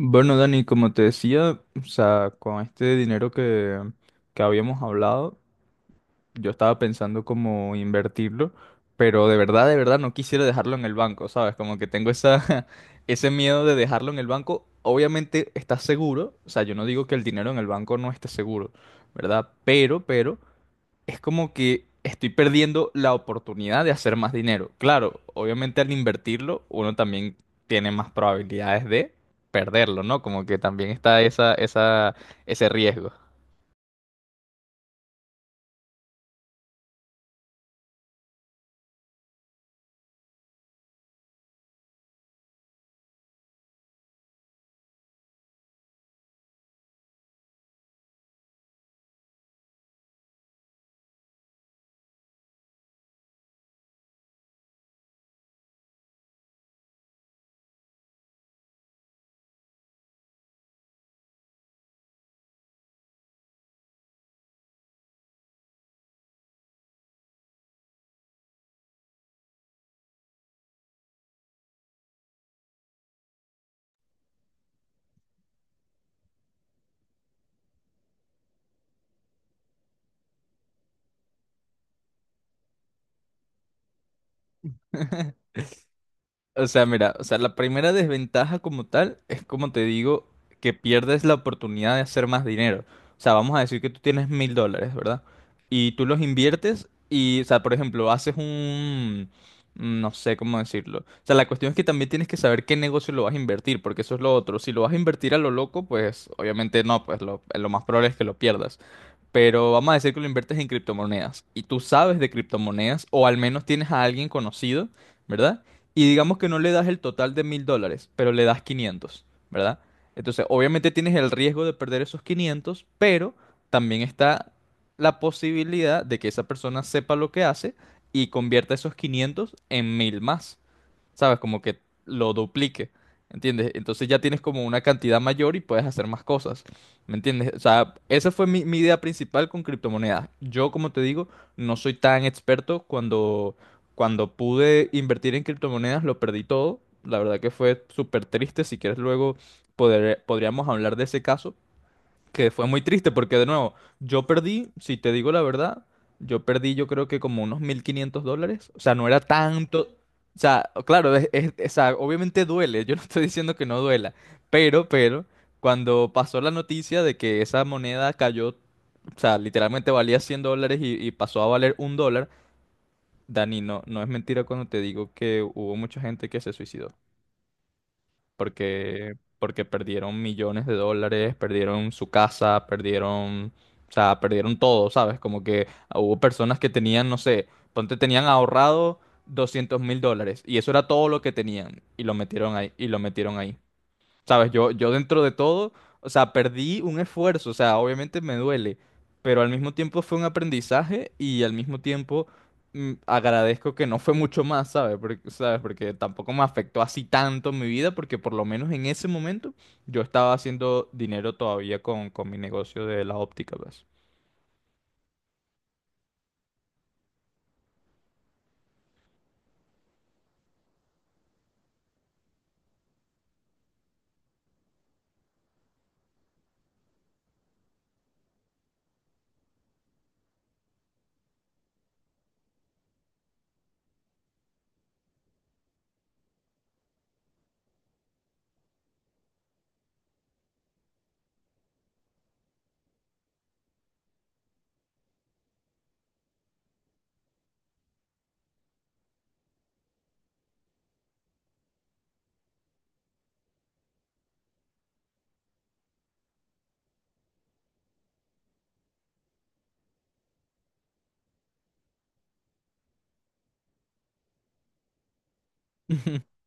Bueno, Dani, como te decía, o sea, con este dinero que habíamos hablado, yo estaba pensando como invertirlo, pero de verdad no quisiera dejarlo en el banco, ¿sabes? Como que tengo esa, ese miedo de dejarlo en el banco. Obviamente está seguro, o sea, yo no digo que el dinero en el banco no esté seguro, ¿verdad? Pero, es como que estoy perdiendo la oportunidad de hacer más dinero. Claro, obviamente al invertirlo, uno también tiene más probabilidades de perderlo, ¿no? Como que también está ese riesgo. O sea, mira, o sea, la primera desventaja como tal es como te digo, que pierdes la oportunidad de hacer más dinero. O sea, vamos a decir que tú tienes $1,000, ¿verdad? Y tú los inviertes y, o sea, por ejemplo, haces no sé cómo decirlo. O sea, la cuestión es que también tienes que saber qué negocio lo vas a invertir, porque eso es lo otro. Si lo vas a invertir a lo loco, pues obviamente no, pues lo más probable es que lo pierdas, pero vamos a decir que lo inviertes en criptomonedas y tú sabes de criptomonedas o al menos tienes a alguien conocido, ¿verdad? Y digamos que no le das el total de $1,000, pero le das 500, ¿verdad? Entonces, obviamente tienes el riesgo de perder esos 500, pero también está la posibilidad de que esa persona sepa lo que hace y convierta esos 500 en 1,000 más. ¿Sabes? Como que lo duplique. ¿Entiendes? Entonces ya tienes como una cantidad mayor y puedes hacer más cosas. ¿Me entiendes? O sea, esa fue mi idea principal con criptomonedas. Yo, como te digo, no soy tan experto. Cuando pude invertir en criptomonedas, lo perdí todo. La verdad que fue súper triste. Si quieres luego podríamos hablar de ese caso que fue muy triste porque de nuevo, yo perdí, si te digo la verdad, yo perdí yo creo que como unos $1,500, o sea, no era tanto. O sea, claro, o sea, obviamente duele, yo no estoy diciendo que no duela, pero, cuando pasó la noticia de que esa moneda cayó, o sea, literalmente valía $100 y pasó a valer $1. Dani, no, no es mentira cuando te digo que hubo mucha gente que se suicidó porque perdieron millones de dólares, perdieron su casa, perdieron, o sea, perdieron todo. ¿Sabes? Como que hubo personas que tenían, no sé, ponte, tenían ahorrado $200,000 y eso era todo lo que tenían y lo metieron ahí, y lo metieron ahí. ¿Sabes? Yo dentro de todo, o sea, perdí un esfuerzo, o sea, obviamente me duele, pero al mismo tiempo fue un aprendizaje y al mismo tiempo agradezco que no fue mucho más, ¿sabes? Porque, ¿sabes? Porque tampoco me afectó así tanto en mi vida, porque por lo menos en ese momento yo estaba haciendo dinero todavía con mi negocio de la óptica, pues.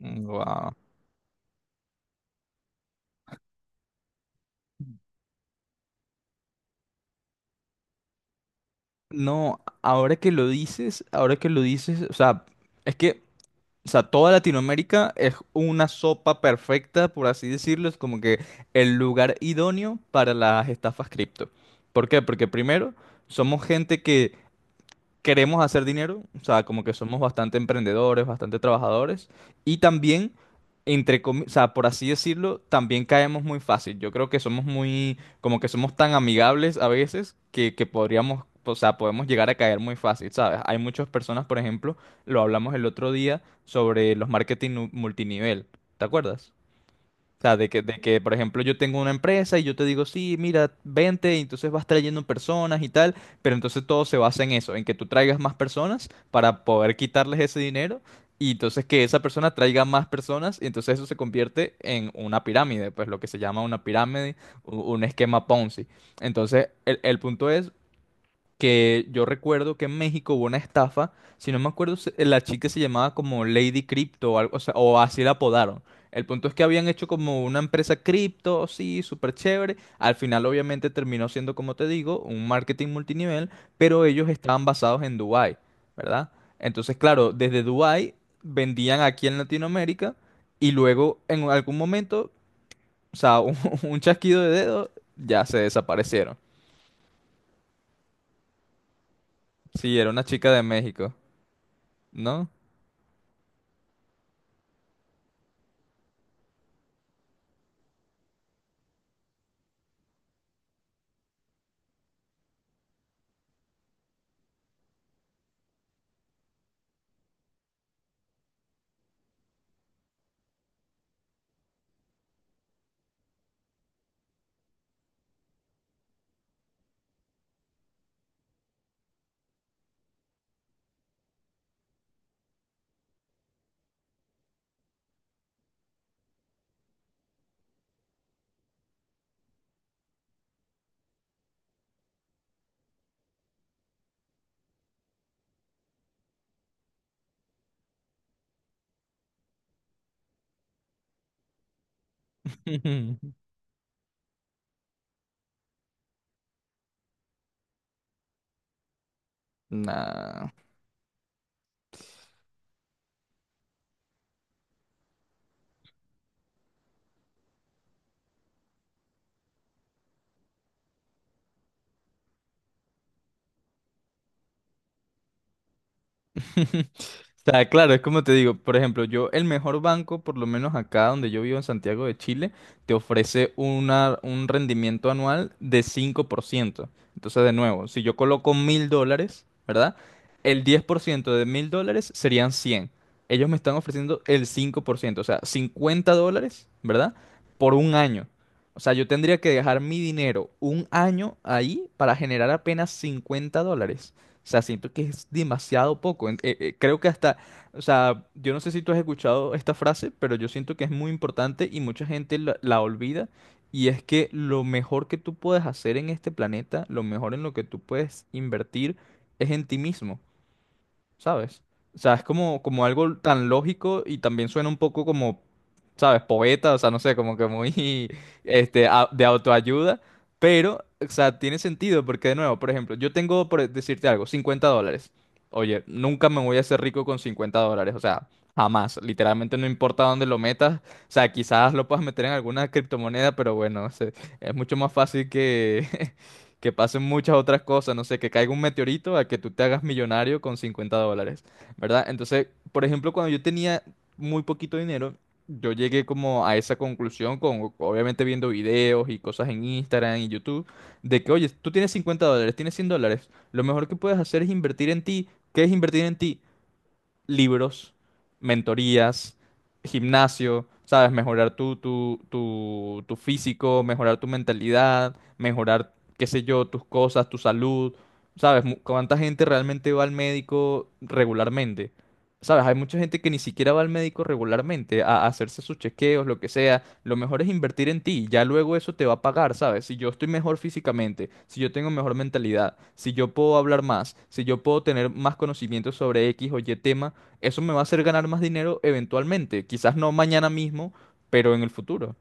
Wow. No, ahora que lo dices, ahora que lo dices, o sea, es que o sea, toda Latinoamérica es una sopa perfecta, por así decirlo, es como que el lugar idóneo para las estafas cripto. ¿Por qué? Porque primero, somos gente que queremos hacer dinero, o sea, como que somos bastante emprendedores, bastante trabajadores, y también, entre o sea, por así decirlo, también caemos muy fácil. Yo creo que somos muy, como que somos tan amigables a veces que podríamos, o sea, podemos llegar a caer muy fácil, ¿sabes? Hay muchas personas, por ejemplo, lo hablamos el otro día sobre los marketing multinivel, ¿te acuerdas? O sea, de que, por ejemplo, yo tengo una empresa y yo te digo, sí, mira, vente, y entonces vas trayendo personas y tal, pero entonces todo se basa en eso, en que tú traigas más personas para poder quitarles ese dinero y entonces que esa persona traiga más personas y entonces eso se convierte en una pirámide, pues lo que se llama una pirámide, un esquema Ponzi. Entonces, el punto es que yo recuerdo que en México hubo una estafa. Si no me acuerdo, la chica se llamaba como Lady Crypto o algo, o sea, o así la apodaron. El punto es que habían hecho como una empresa cripto, sí, súper chévere. Al final obviamente terminó siendo, como te digo, un marketing multinivel, pero ellos estaban basados en Dubái, ¿verdad? Entonces, claro, desde Dubái vendían aquí en Latinoamérica y luego en algún momento, o sea, un chasquido de dedo, ya se desaparecieron. Sí, era una chica de México, ¿no? Nah. O sea, claro, es como te digo, por ejemplo, yo, el mejor banco, por lo menos acá donde yo vivo en Santiago de Chile, te ofrece un rendimiento anual de 5%. Entonces, de nuevo, si yo coloco $1,000, ¿verdad? El 10% de $1,000 serían 100. Ellos me están ofreciendo el 5%, o sea, $50, ¿verdad? Por un año. O sea, yo tendría que dejar mi dinero un año ahí para generar apenas $50. O sea, siento que es demasiado poco. Creo que hasta, o sea, yo no sé si tú has escuchado esta frase, pero yo siento que es muy importante y mucha gente la olvida. Y es que lo mejor que tú puedes hacer en este planeta, lo mejor en lo que tú puedes invertir, es en ti mismo. ¿Sabes? O sea, es como, como algo tan lógico y también suena un poco como, ¿sabes? Poeta, o sea, no sé, como que muy, este, de autoayuda. Pero, o sea, tiene sentido porque, de nuevo, por ejemplo, yo tengo, por decirte algo, $50. Oye, nunca me voy a hacer rico con $50, o sea, jamás, literalmente no importa dónde lo metas. O sea, quizás lo puedas meter en alguna criptomoneda, pero bueno, o sea, es mucho más fácil que, que pasen muchas otras cosas, no sé, que caiga un meteorito a que tú te hagas millonario con $50, ¿verdad? Entonces, por ejemplo, cuando yo tenía muy poquito dinero, yo llegué como a esa conclusión con, obviamente, viendo videos y cosas en Instagram y YouTube, de que, oye, tú tienes $50, tienes $100, lo mejor que puedes hacer es invertir en ti. ¿Qué es invertir en ti? Libros, mentorías, gimnasio, ¿sabes? Mejorar tu físico, mejorar tu mentalidad, mejorar, qué sé yo, tus cosas, tu salud, ¿sabes? ¿Cuánta gente realmente va al médico regularmente? ¿Sabes? Hay mucha gente que ni siquiera va al médico regularmente a hacerse sus chequeos, lo que sea. Lo mejor es invertir en ti, ya luego eso te va a pagar, ¿sabes? Si yo estoy mejor físicamente, si yo tengo mejor mentalidad, si yo puedo hablar más, si yo puedo tener más conocimiento sobre X o Y tema, eso me va a hacer ganar más dinero eventualmente. Quizás no mañana mismo, pero en el futuro.